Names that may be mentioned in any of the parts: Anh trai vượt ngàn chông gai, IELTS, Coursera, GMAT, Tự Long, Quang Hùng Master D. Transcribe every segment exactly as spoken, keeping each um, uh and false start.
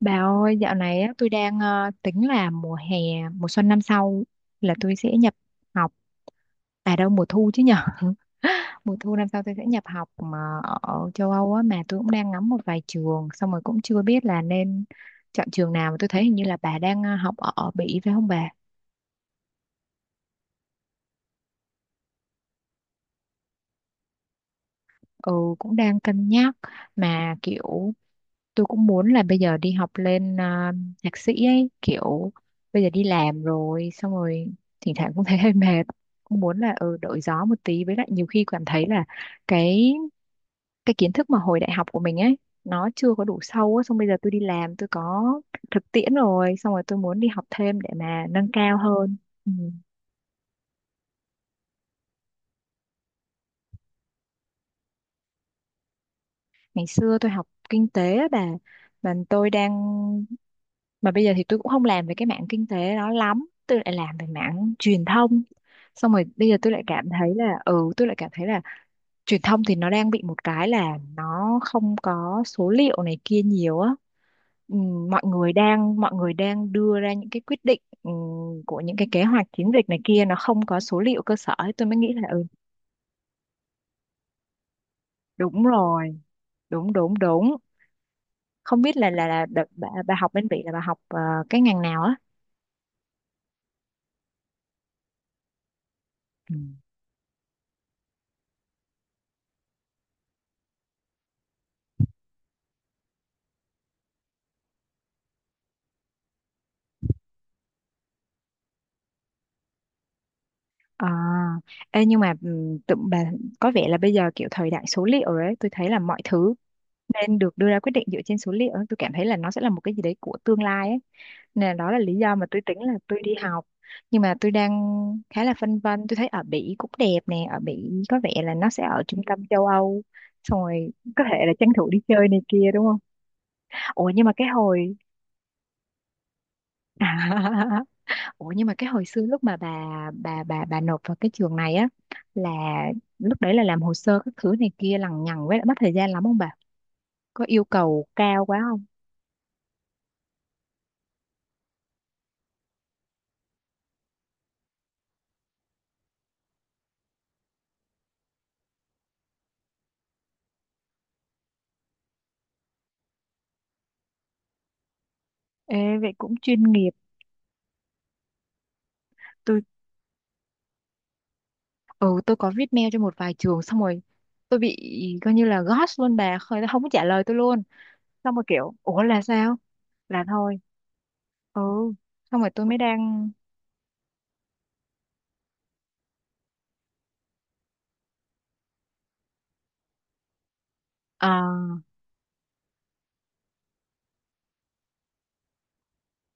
Bà ơi, dạo này á, tôi đang ờ, tính là mùa hè, mùa xuân năm sau là tôi sẽ nhập học. À đâu, mùa thu chứ nhở. Mùa thu năm sau tôi sẽ nhập học mà ở châu Âu á, mà tôi cũng đang ngắm một vài trường. Xong rồi cũng chưa biết là nên chọn trường nào. Mà tôi thấy hình như là bà đang ờ, học ở Bỉ phải không bà? Ừ, cũng đang cân nhắc. Mà kiểu tôi cũng muốn là bây giờ đi học lên à, thạc sĩ ấy, kiểu bây giờ đi làm rồi, xong rồi thỉnh thoảng cũng thấy hơi mệt, cũng muốn là ừ đổi gió một tí, với lại nhiều khi cảm thấy là cái cái kiến thức mà hồi đại học của mình ấy nó chưa có đủ sâu á, xong bây giờ tôi đi làm, tôi có thực tiễn rồi, xong rồi tôi muốn đi học thêm để mà nâng cao hơn. Ừ. Ngày xưa tôi học kinh tế á bà, mà tôi đang mà bây giờ thì tôi cũng không làm về cái mảng kinh tế đó lắm, tôi lại làm về mảng truyền thông, xong rồi bây giờ tôi lại cảm thấy là ừ tôi lại cảm thấy là truyền thông thì nó đang bị một cái là nó không có số liệu này kia nhiều á. Ừ, mọi người đang mọi người đang đưa ra những cái quyết định, ừ, của những cái kế hoạch, chiến dịch này kia, nó không có số liệu cơ sở ấy. Tôi mới nghĩ là ừ đúng rồi, đúng, đúng, đúng. Không biết là là là đợt bà, bà học bên Bỉ là bà học ờ, cái ngành nào á. Ừ. à, ê, nhưng mà ừm, tụi bà có vẻ là bây giờ kiểu thời đại số liệu rồi ấy, tôi thấy là mọi thứ nên được đưa ra quyết định dựa trên số liệu ấy. Tôi cảm thấy là nó sẽ là một cái gì đấy của tương lai ấy, nên là đó là lý do mà tôi tính là tôi đi học. Nhưng mà tôi đang khá là phân vân. Tôi thấy ở Bỉ cũng đẹp nè, ở Bỉ có vẻ là nó sẽ ở trung tâm châu Âu, xong rồi có thể là tranh thủ đi chơi này kia đúng không. Ủa nhưng mà cái hồi Ủa nhưng mà cái hồi xưa lúc mà bà bà bà bà nộp vào cái trường này á, là lúc đấy là làm hồ sơ các thứ này kia lằng nhằng, với lại mất thời gian lắm không bà? Có yêu cầu cao quá không? Ê, vậy cũng chuyên nghiệp. Tôi ừ tôi có viết mail cho một vài trường, xong rồi tôi bị coi như là ghost luôn bà, không không có trả lời tôi luôn. Xong rồi kiểu ủa là sao? Là thôi. Ừ, xong rồi tôi mới đang à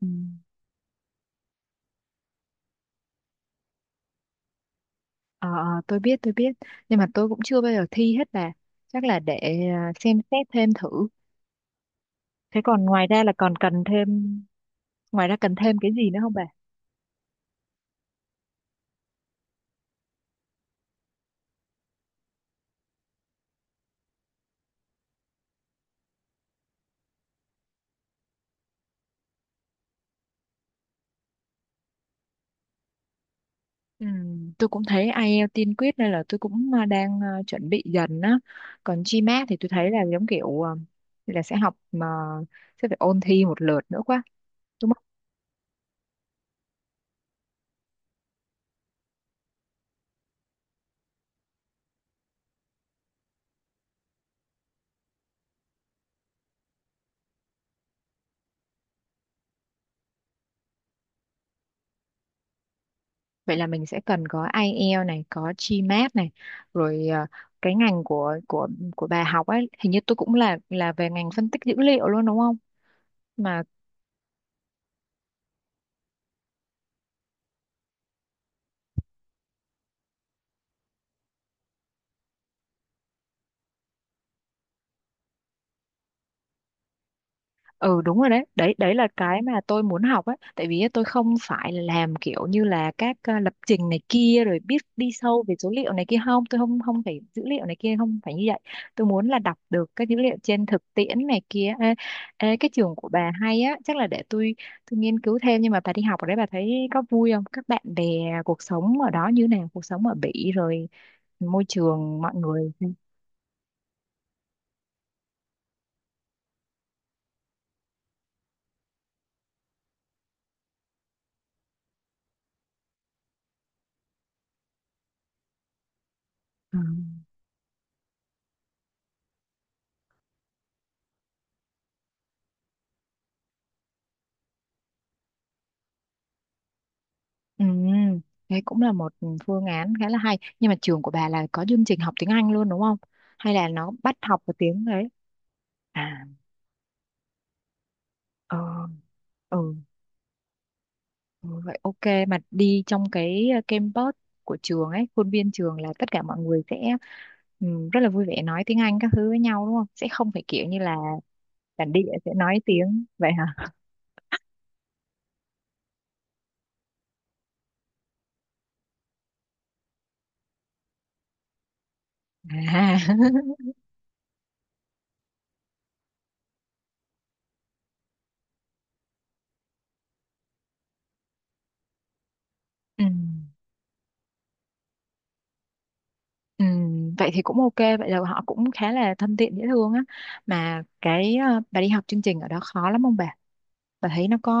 ừ. Ờ, ờ, tôi biết tôi biết, nhưng mà tôi cũng chưa bao giờ thi hết, là chắc là để à, xem xét thêm thử. Thế còn ngoài ra là còn cần thêm ngoài ra cần thêm cái gì nữa không bà? Ừ, tôi cũng thấy ai eo tiếng tiên quyết nên là tôi cũng à, đang à, chuẩn bị dần á. Còn gờ mát thì tôi thấy là giống kiểu à, là sẽ học mà sẽ phải ôn thi một lượt nữa quá đúng không. Vậy là mình sẽ cần có ai eo này, có gờ mát này, rồi à, cái ngành của của của bà học ấy hình như tôi cũng là là về ngành phân tích dữ liệu luôn đúng không mà. Ừ, đúng rồi, đấy, đấy, đấy là cái mà tôi muốn học ấy, tại vì tôi không phải là làm kiểu như là các ờ, lập trình này kia rồi biết đi sâu về số liệu này kia không, tôi không không phải dữ liệu này kia, không phải như vậy. Tôi muốn là đọc được các dữ liệu trên thực tiễn này kia. Ê, ê, Cái trường của bà hay á, chắc là để tôi tôi nghiên cứu thêm. Nhưng mà bà đi học ở đấy bà thấy có vui không, các bạn bè, cuộc sống ở đó như nào, cuộc sống ở Bỉ rồi môi trường mọi người. Ừ. Ừ, thế cũng là một phương án khá là hay. Nhưng mà trường của bà là có chương trình học tiếng Anh luôn đúng không? Hay là nó bắt học vào tiếng đấy? À, ờ, ừ, ừ, vậy ok. Mà đi trong cái ờ, campus của trường ấy, khuôn viên trường, là tất cả mọi người sẽ ừ, rất là vui vẻ nói tiếng Anh các thứ với nhau đúng không? Sẽ không phải kiểu như là bản địa sẽ nói tiếng vậy hả? À, ừ. Ừ, vậy thì cũng ok, vậy là họ cũng khá là thân thiện, dễ thương á. Mà cái ờ, bà đi học chương trình ở đó khó lắm không bà bà thấy nó có.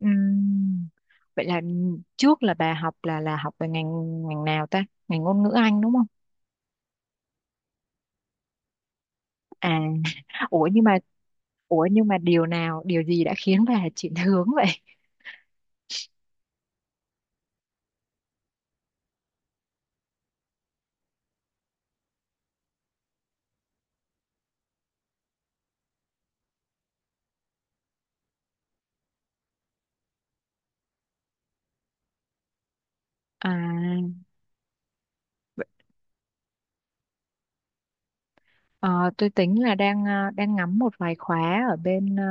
Ừm, vậy là trước là bà học là là học về ngành ngành nào ta, ngành ngôn ngữ Anh đúng không. À ủa nhưng mà, ủa nhưng mà điều nào điều gì đã khiến bà chuyển hướng vậy? À ờ, tôi tính là đang ờ, đang ngắm một vài khóa ở bên ờ,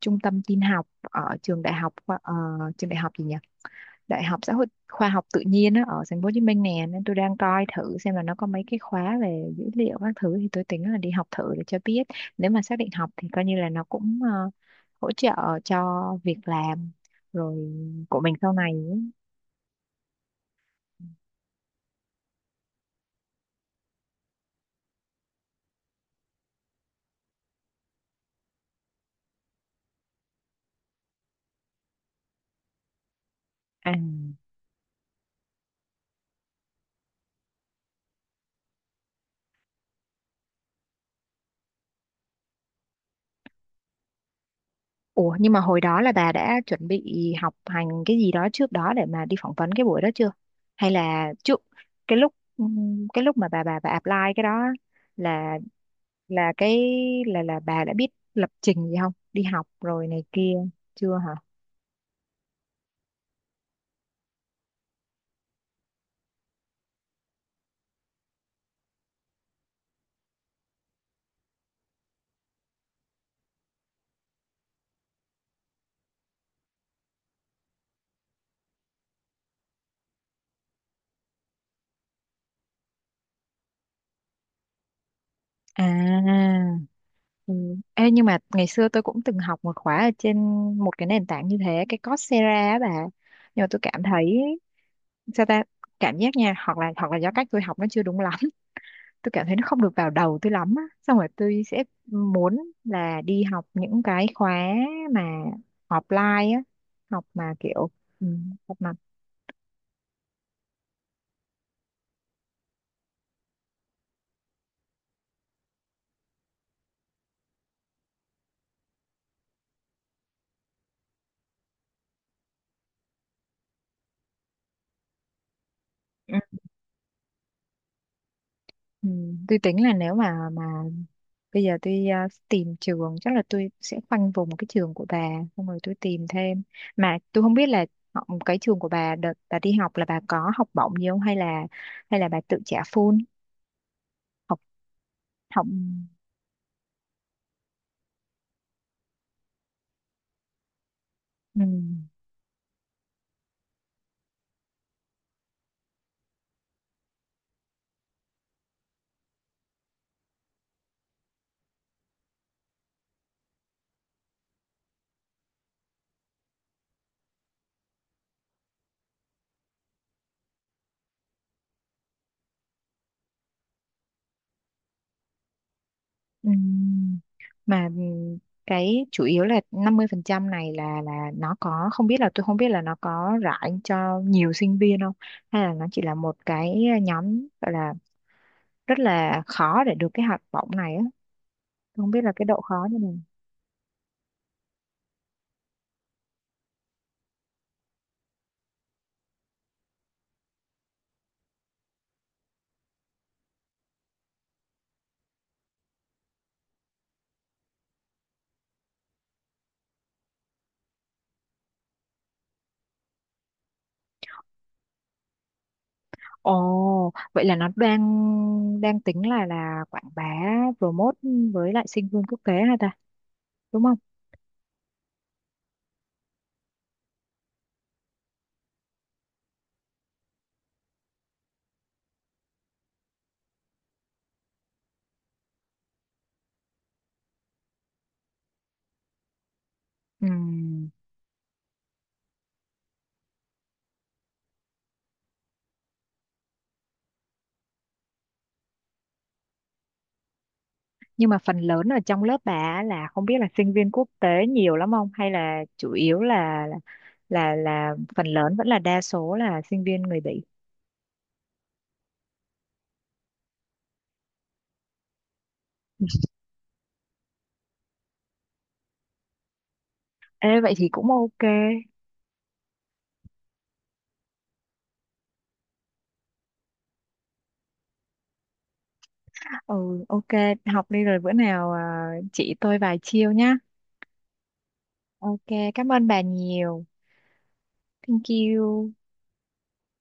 trung tâm tin học ở trường đại học ờ, trường đại học gì nhỉ. Đại học Xã hội Khoa học Tự nhiên á, ở thành phố Hồ Chí Minh nè, nên tôi đang coi thử xem là nó có mấy cái khóa về dữ liệu các thứ, thì tôi tính là đi học thử để cho biết, nếu mà xác định học thì coi như là nó cũng ờ, hỗ trợ cho việc làm rồi, của mình sau này. À. Ủa nhưng mà hồi đó là bà đã chuẩn bị học hành cái gì đó trước đó để mà đi phỏng vấn cái buổi đó chưa? Hay là trước cái lúc ừm, cái lúc mà bà bà bà apply cái đó á, là là cái là là bà đã biết lập trình gì không? Đi học rồi này kia chưa hả? À. Ừ. Ê, nhưng mà ngày xưa tôi cũng từng học một khóa ở trên một cái nền tảng như thế, cái Coursera á bà. Nhưng mà tôi cảm thấy sao ta, cảm giác nha, hoặc là hoặc là do cách tôi học nó chưa đúng lắm. Tôi cảm thấy nó không được vào đầu tôi lắm á, xong rồi tôi sẽ muốn là đi học những cái khóa mà offline á, học mà kiểu ừ, học mà ừ, ừ. Tôi tính là nếu mà mà bây giờ tôi ờ, tìm trường, chắc là tôi sẽ khoanh vùng cái trường của bà, xong rồi tôi tìm thêm. Mà tôi không biết là họ- cái trường của bà đợt bà đi học là bà có học bổng gì không, hay là hay là bà tự trả full học học Ừ. Ừm, mà ừm, cái chủ yếu là năm mươi phần trăm này là là nó có, không biết là, tôi không biết là nó có rải cho nhiều sinh viên không, hay là nó chỉ là một cái ờ, nhóm, gọi là rất là khó để được cái học bổng này á. Tôi không biết là cái độ khó như nào. Ồ, vậy là nó đang đang tính là là quảng bá, promote, với lại sinh viên quốc tế hả ta, đúng không? Ừm. Nhưng mà phần lớn ở trong lớp bà á là không biết là sinh viên quốc tế nhiều lắm không, hay là chủ yếu là là là phần lớn vẫn là đa số là sinh viên người Bỉ. Ê, vậy thì cũng ok. Ừ, ok, học đi rồi bữa nào à, chỉ tôi vài chiêu nhá. Ok. Cảm ơn bà nhiều. Thank you.